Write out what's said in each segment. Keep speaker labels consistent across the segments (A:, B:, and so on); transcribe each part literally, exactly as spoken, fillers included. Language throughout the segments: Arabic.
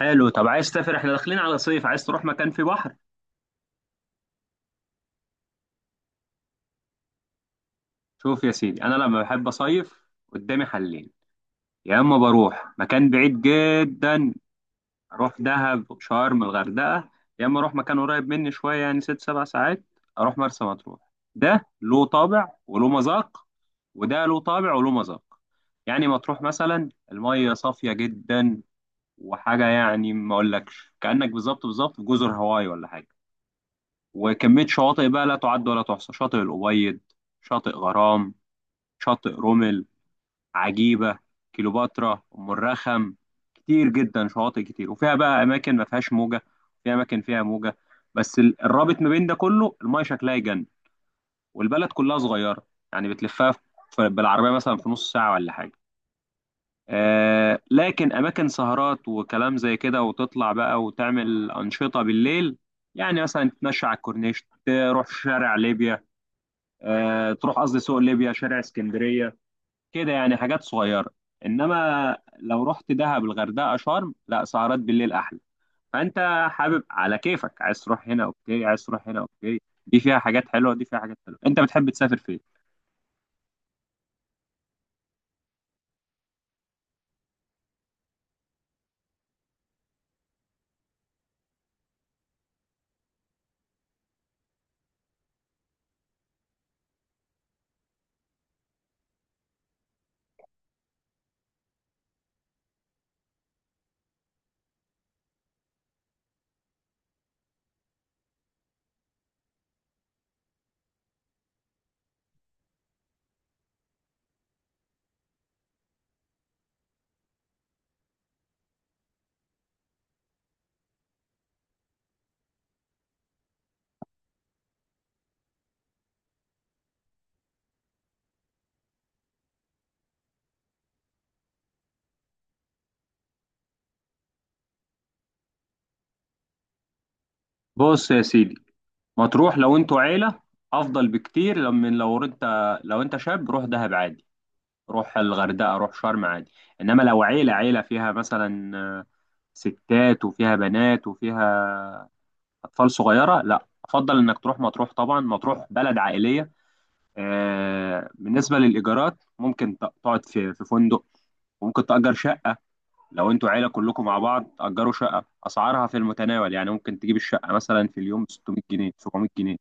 A: حلو. طب عايز تسافر؟ احنا داخلين على صيف، عايز تروح مكان فيه بحر؟ شوف يا سيدي، انا لما بحب اصيف قدامي حلين. يا اما بروح مكان بعيد جدا، اروح دهب، شرم، الغردقه. يا اما اروح مكان قريب مني شويه، يعني ست سبع ساعات، اروح مرسى مطروح. ده له طابع وله مذاق، وده له طابع وله مذاق. يعني مطروح مثلا الميه صافيه جدا، وحاجه يعني ما اقولكش كانك بالظبط بالظبط في جزر هاواي ولا حاجه. وكمية شواطئ بقى لا تعد ولا تحصى: شاطئ الأبيض، شاطئ غرام، شاطئ رومل، عجيبة، كيلوباترا، أم الرخم. كتير جدا شواطئ كتير، وفيها بقى أماكن ما فيهاش موجة، وفيها أماكن فيها موجة. بس ال- الرابط ما بين ده كله المايه شكلها يجنن. والبلد كلها صغيرة، يعني بتلفها في- بالعربية مثلا في نص ساعة ولا حاجة. آه، لكن أماكن سهرات وكلام زي كده، وتطلع بقى وتعمل أنشطة بالليل. يعني مثلا تتمشى على الكورنيش، تروح شارع ليبيا، آه، تروح قصدي سوق ليبيا، شارع اسكندريه. كده يعني حاجات صغيره. انما لو رحت دهب، الغردقه، شرم، لا سهرات بالليل احلى. فانت حابب على كيفك، عايز تروح هنا اوكي، عايز تروح هنا اوكي. دي فيها حاجات حلوه، دي فيها حاجات حلوه. انت بتحب تسافر فين؟ بص يا سيدي، مطروح لو انتوا عيله افضل بكتير. لما لو انت، لو انت شاب، روح دهب عادي، روح الغردقه، روح شرم عادي. انما لو عيله، عيله فيها مثلا آه، ستات وفيها بنات وفيها اطفال صغيره، لا، افضل انك تروح مطروح. طبعا مطروح بلد عائليه. آه، بالنسبه للايجارات ممكن ت- تقعد في في فندق، وممكن تأجر شقة. لو انتوا عيلة كلكم مع بعض تأجروا شقة، أسعارها في المتناول، يعني ممكن تجيب الشقة مثلا في اليوم ستمية جنيه، سبعمية جنيه،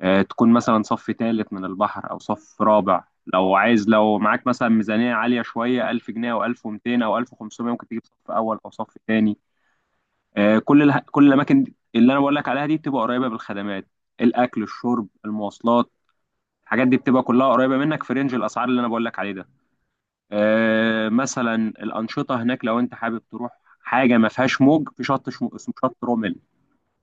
A: آه، تكون مثلا صف ثالث من البحر أو صف رابع. لو عايز، لو معاك مثلا ميزانية عالية شوية، ألف جنيه أو ألف ومتين أو ألف وخمسمية، ممكن تجيب صف أول أو صف ثاني. آه، كل الح... كل الاماكن دي- اللي انا بقول لك عليها دي بتبقى قريبه بالخدمات: الاكل، الشرب، المواصلات. الحاجات دي بتبقى كلها قريبه منك في رينج الاسعار اللي انا بقول لك عليه ده. آه، مثلا الانشطه هناك لو انت حابب تروح. حاجه ما فيهاش موج، في شط شمو... اسمه شط رومل.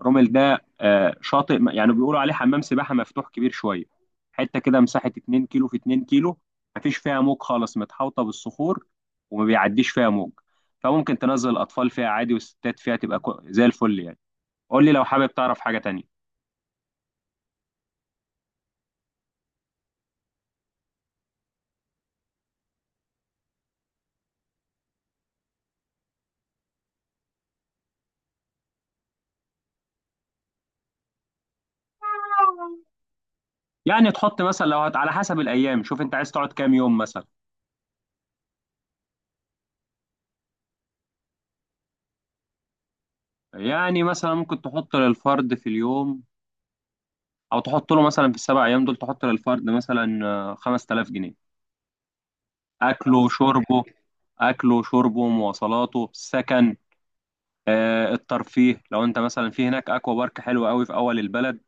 A: رومل ده آه، شاطئ م- يعني بيقولوا عليه حمام سباحه مفتوح كبير شويه. حته كده مساحه اتنين كيلو في اتنين كيلو، مفيش فيها موج خالص، متحوطه بالصخور وما بيعديش فيها موج. فممكن تنزل الاطفال فيها عادي، والستات فيها تبقى كو- زي الفل يعني. قول لي لو حابب تعرف حاجة تانية. يعني تحط مثلا، لو هت... على حسب الأيام، شوف أنت عايز تقعد كام يوم مثلا. يعني مثلا ممكن تحط للفرد في اليوم، أو تحط له مثلا في السبع أيام دول تحط للفرد مثلا آه، خمستلاف جنيه. أكله، شربه. أكله، شربه، مواصلاته، سكن. آه، الترفيه لو أنت مثلا، في هناك أكوا بارك حلوة قوي في أول البلد،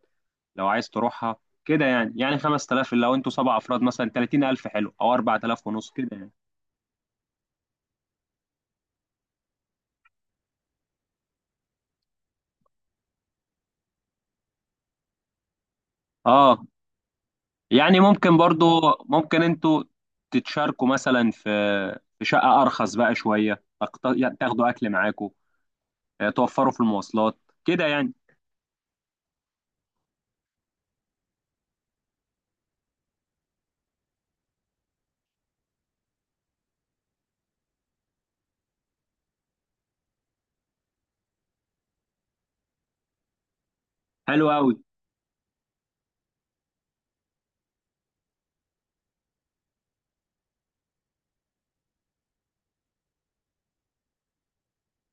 A: لو عايز تروحها. كده يعني، يعني خمستلاف لو أنتوا سبع أفراد مثلا ثلاثين ألف، حلو، أو أربعة آلاف ونص كده يعني. اه، يعني ممكن برضو. ممكن انتوا تتشاركوا مثلا في في شقة أرخص بقى شوية، أقت- يعني تاخدوا أكل معاكوا، آه، توفروا في المواصلات. كده يعني. حلو أوي.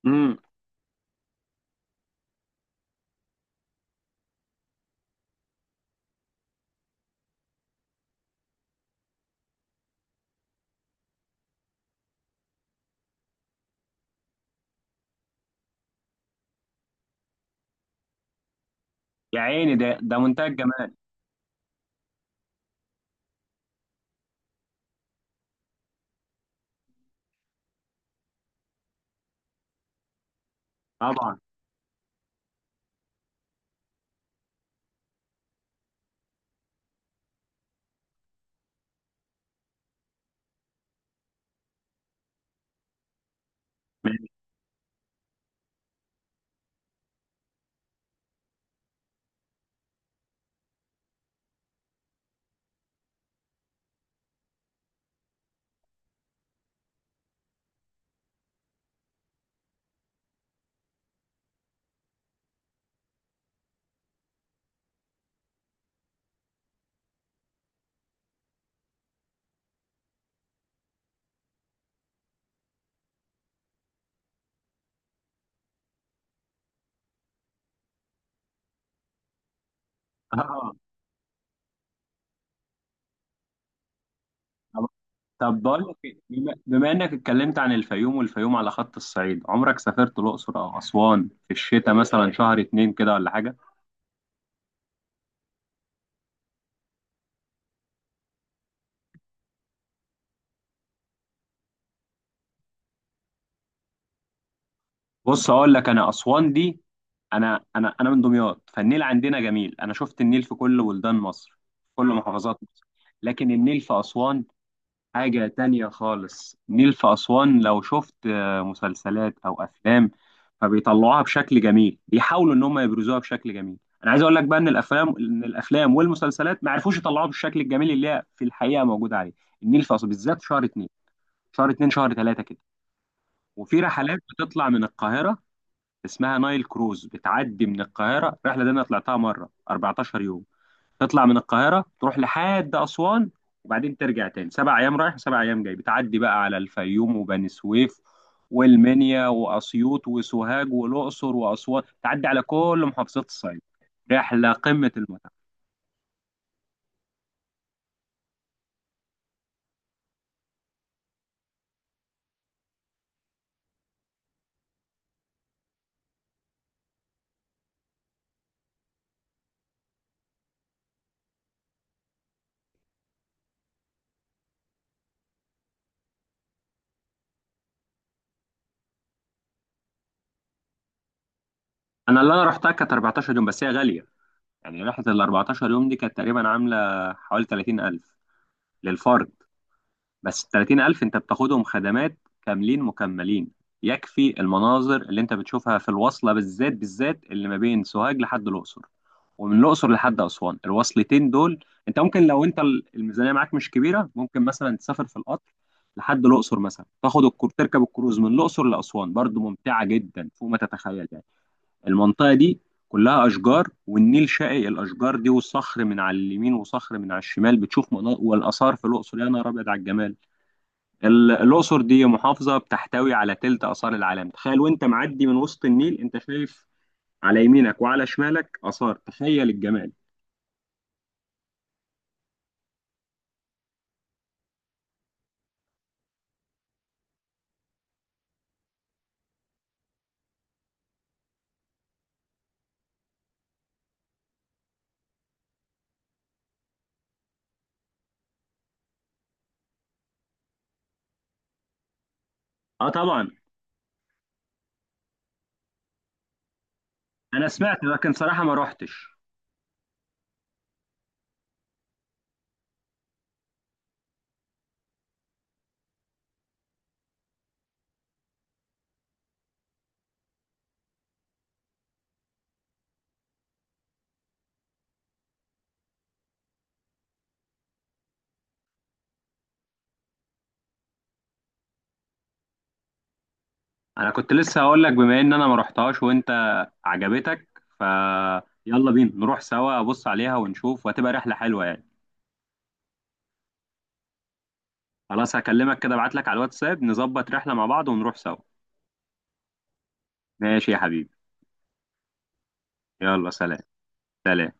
A: امم يا عيني، ده ده منتهى الجمال. طبعا. ماشي. آه. طب طب بقول لك إيه، بما بما إنك اتكلمت عن الفيوم، والفيوم على خط الصعيد، عمرك سافرت الأقصر أو أسوان في الشتاء مثلا شهر اتنين كده ولا حاجة؟ بص أقول لك، أنا أسوان دي، انا انا انا من دمياط، فالنيل عندنا جميل. انا شفت النيل في كل بلدان مصر، في كل محافظات مصر، لكن النيل في اسوان حاجة تانية خالص. النيل في اسوان لو شفت آه، مسلسلات او افلام، فبيطلعوها بشكل جميل، بيحاولوا ان هم يبرزوها بشكل جميل. انا عايز اقول لك بقى ان الافلام ان الافلام والمسلسلات ما عرفوش يطلعوها بالشكل الجميل اللي هي في الحقيقة موجودة عليه. النيل في اسوان بالذات شهر اتنين، شهر اتنين شهر تلاتة كده. وفي رحلات بتطلع من القاهرة اسمها نايل كروز، بتعدي من القاهرة. الرحلة دي أنا طلعتها مرة أربعتاشر يوم. تطلع من القاهرة تروح لحد أسوان، وبعدين ترجع تاني، سبع أيام رايح وسبع أيام جاي. بتعدي بقى على الفيوم وبني سويف والمنيا وأسيوط وسوهاج والأقصر وأسوان، تعدي على كل محافظات الصعيد. رحلة قمة المتعة. أنا اللي أنا رحتها كانت أربعة عشر يوم، بس هي غالية. يعني رحلة ال أربعتاشر يوم دي كانت تقريبا عاملة حوالي تلاتين ألف للفرد، بس ال تلاتين ألف أنت بتاخدهم خدمات كاملين مكملين. يكفي المناظر اللي أنت بتشوفها في الوصلة، بالذات بالذات اللي ما بين سوهاج لحد الأقصر، ومن الأقصر لحد أسوان. الوصلتين دول أنت ممكن، لو أنت ال- الميزانية معاك مش كبيرة، ممكن مثلا تسافر في القطر لحد الأقصر مثلا، تاخد الكر... تركب الكروز من الأقصر لأسوان، برضو ممتعة جدا فوق ما تتخيل يعني. المنطقة دي كلها أشجار، والنيل شاقي الأشجار دي، والصخر من على اليمين وصخر من على الشمال، بتشوف مناظر. والآثار في الأقصر، يا نهار أبيض على الجمال. ال- الأقصر دي محافظة بتحتوي على تلت آثار العالم، تخيل. وانت معدي من وسط النيل انت شايف على يمينك وعلى شمالك آثار، تخيل الجمال. اه طبعا. انا سمعت لكن صراحة ما روحتش. انا كنت لسه هقول لك، بما ان انا ما روحتهاش وانت عجبتك، ف يلا بينا نروح سوا، ابص عليها ونشوف، وهتبقى رحلة حلوة يعني. خلاص هكلمك كده، ابعت لك على الواتساب، نظبط رحلة مع بعض ونروح سوا. ماشي يا حبيبي. يلا سلام. سلام.